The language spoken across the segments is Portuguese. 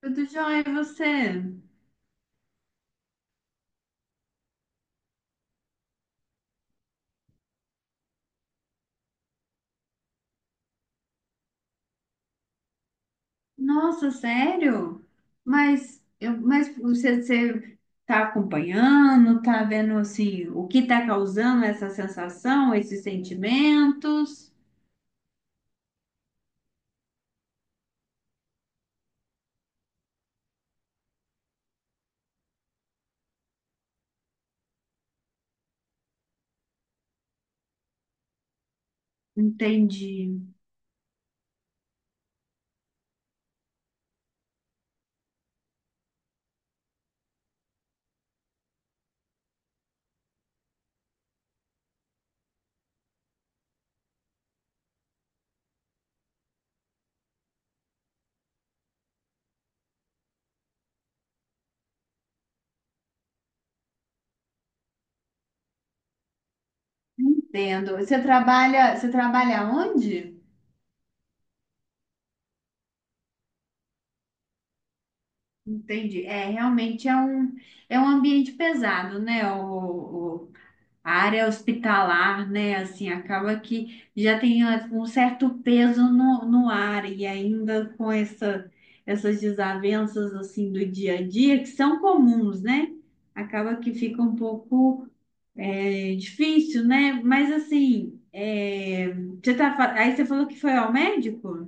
Tudo jóia, e você? Nossa, sério? Mas você tá acompanhando, tá vendo assim, o que tá causando essa sensação, esses sentimentos? Entendi, entendo. Você trabalha onde? Entendi. Realmente é um ambiente pesado, né? A área hospitalar, né? Assim, acaba que já tem um certo peso no ar e ainda com essas desavenças assim do dia a dia, que são comuns, né? Acaba que fica um pouco difícil, né? Mas assim, você tá, aí você falou que foi ao médico?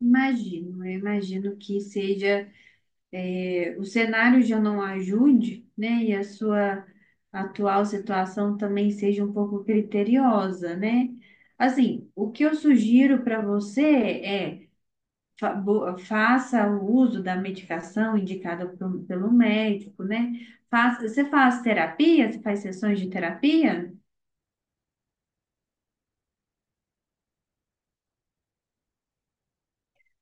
Imagino, eu imagino que seja. O cenário já não ajude, né? E a sua atual situação também seja um pouco criteriosa, né? Assim, o que eu sugiro para você é faça o uso da medicação indicada pelo médico, né? Você faz terapia? Você faz sessões de terapia?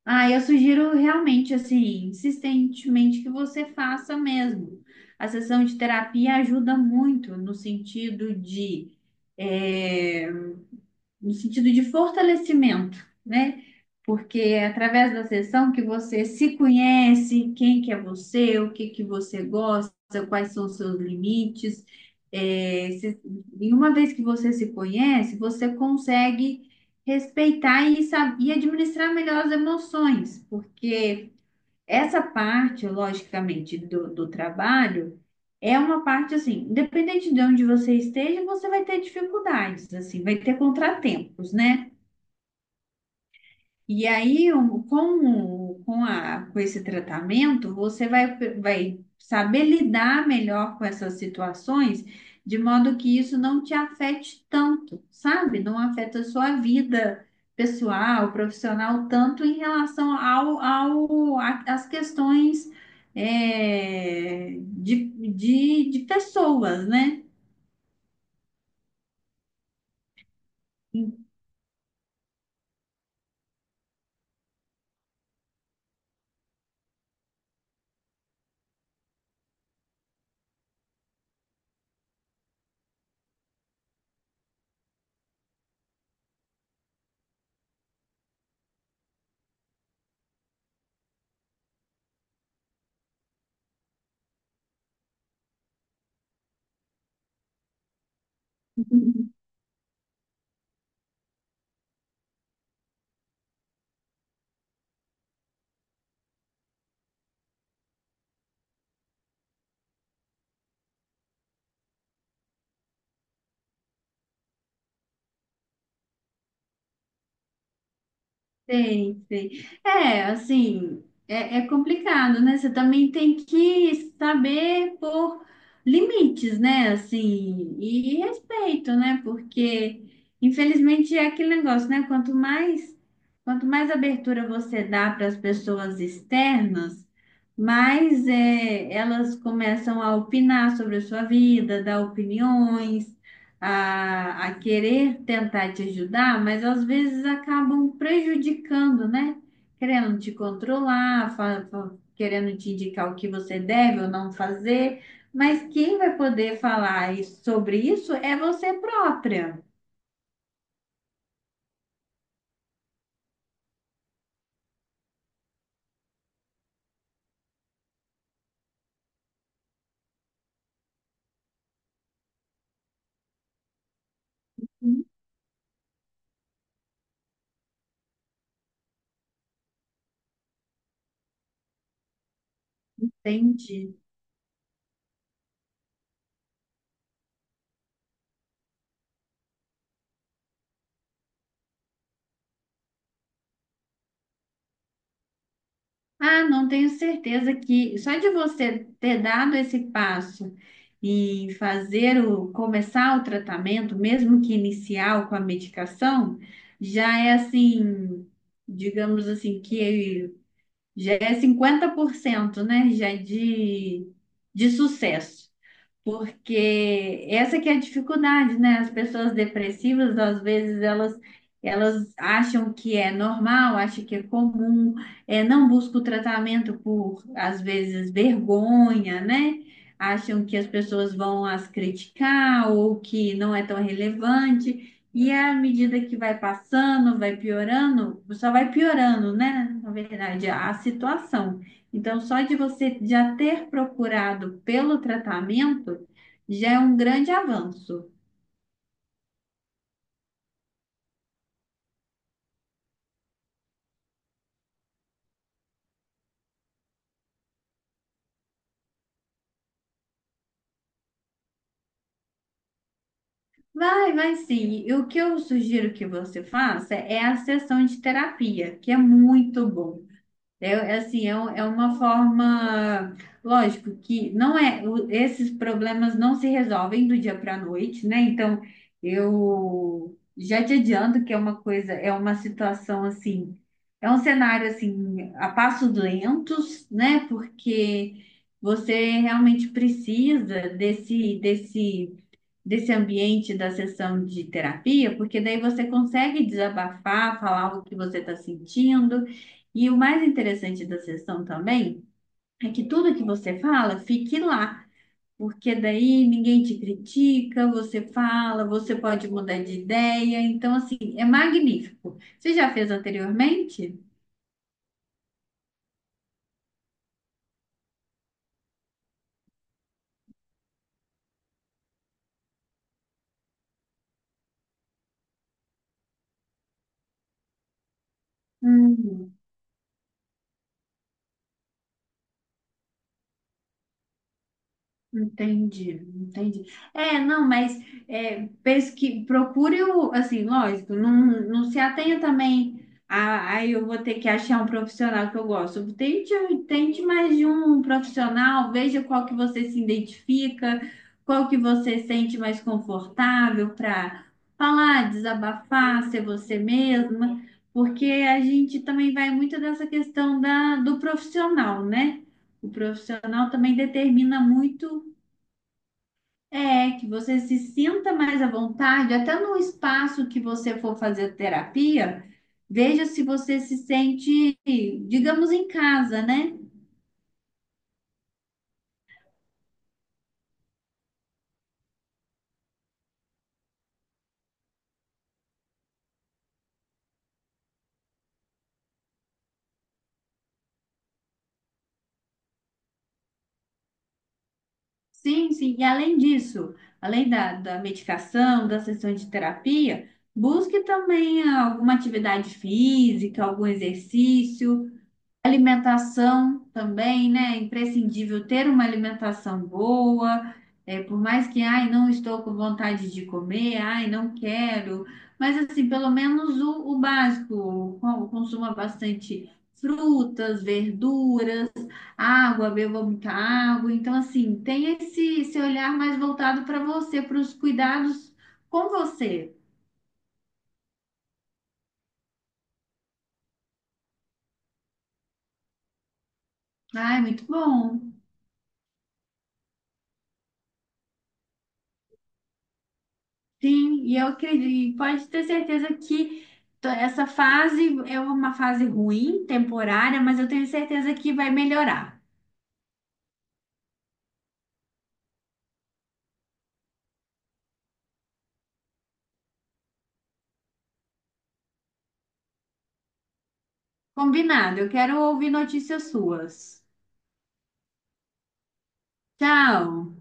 Ah, eu sugiro realmente, assim, insistentemente que você faça mesmo. A sessão de terapia ajuda muito no sentido de eh, no sentido de fortalecimento, né? Porque é através da sessão que você se conhece, quem que é você, o que que você gosta, quais são os seus limites. É, se- e uma vez que você se conhece, você consegue respeitar e, e administrar melhor as emoções, porque essa parte, logicamente, do trabalho é uma parte assim, independente de onde você esteja, você vai ter dificuldades, assim, vai ter contratempos, né? E aí, um, com, o- com, a, com esse tratamento, você vai saber lidar melhor com essas situações, de modo que isso não te afete tanto, sabe? Não afeta a sua vida pessoal, profissional, tanto em relação às questões, é, de, de pessoas, né? Sei, sei. É complicado, né? Você também tem que saber pôr limites, né? Assim, e respeito, né? Porque, infelizmente, é aquele negócio, né? Quanto mais abertura você dá para as pessoas externas, mais elas começam a opinar sobre a sua vida, dar opiniões a querer tentar te ajudar, mas às vezes acabam prejudicando, né? Querendo te controlar, querendo te indicar o que você deve ou não fazer, mas quem vai poder falar sobre isso é você própria. Entende? Ah, não tenho certeza que só de você ter dado esse passo e fazer o começar o tratamento, mesmo que inicial com a medicação, já é assim, digamos assim, que já é 50%, né, já é de sucesso. Porque essa que é a dificuldade, né? As pessoas depressivas, às vezes, elas acham que é normal, acham que é comum, não buscam tratamento por, às vezes, vergonha, né? Acham que as pessoas vão as criticar ou que não é tão relevante. E à medida que vai passando, vai piorando, só vai piorando, né? Na verdade, a situação. Então, só de você já ter procurado pelo tratamento já é um grande avanço. Vai, vai sim. E o que eu sugiro que você faça é a sessão de terapia, que é muito bom. É uma forma, lógico que não é, esses problemas não se resolvem do dia para a noite, né? Então, eu já te adianto que é uma coisa, é uma situação assim, é um cenário assim, a passos lentos, né? Porque você realmente precisa desse desse ambiente da sessão de terapia, porque daí você consegue desabafar, falar o que você está sentindo. E o mais interessante da sessão também é que tudo que você fala fique lá, porque daí ninguém te critica, você fala, você pode mudar de ideia. Então, assim, é magnífico. Você já fez anteriormente? Hum. Entendi, entendi. É, não, mas é, pesqui, procure o, assim, lógico, não se atenha também a, aí eu vou ter que achar um profissional que eu gosto. Tente mais de um profissional, veja qual que você se identifica, qual que você sente mais confortável para falar, desabafar, ser você mesma, porque a gente também vai muito dessa questão do profissional, né? O profissional também determina muito que você se sinta mais à vontade, até no espaço que você for fazer terapia, veja se você se sente, digamos, em casa, né? Sim, sim. E além disso, além da medicação, da sessão de terapia, busque também alguma atividade física, algum exercício. Alimentação também, né? É imprescindível ter uma alimentação boa, por mais que, ai, não estou com vontade de comer, ai, não quero, mas assim, pelo menos o básico, consuma bastante frutas, verduras, água, beba muita água, então assim, tenha esse olhar mais voltado para você, para os cuidados com você. Ai, muito bom. Sim, e eu acredito, e pode ter certeza que essa fase é uma fase ruim, temporária, mas eu tenho certeza que vai melhorar. Combinado, eu quero ouvir notícias suas. Tchau.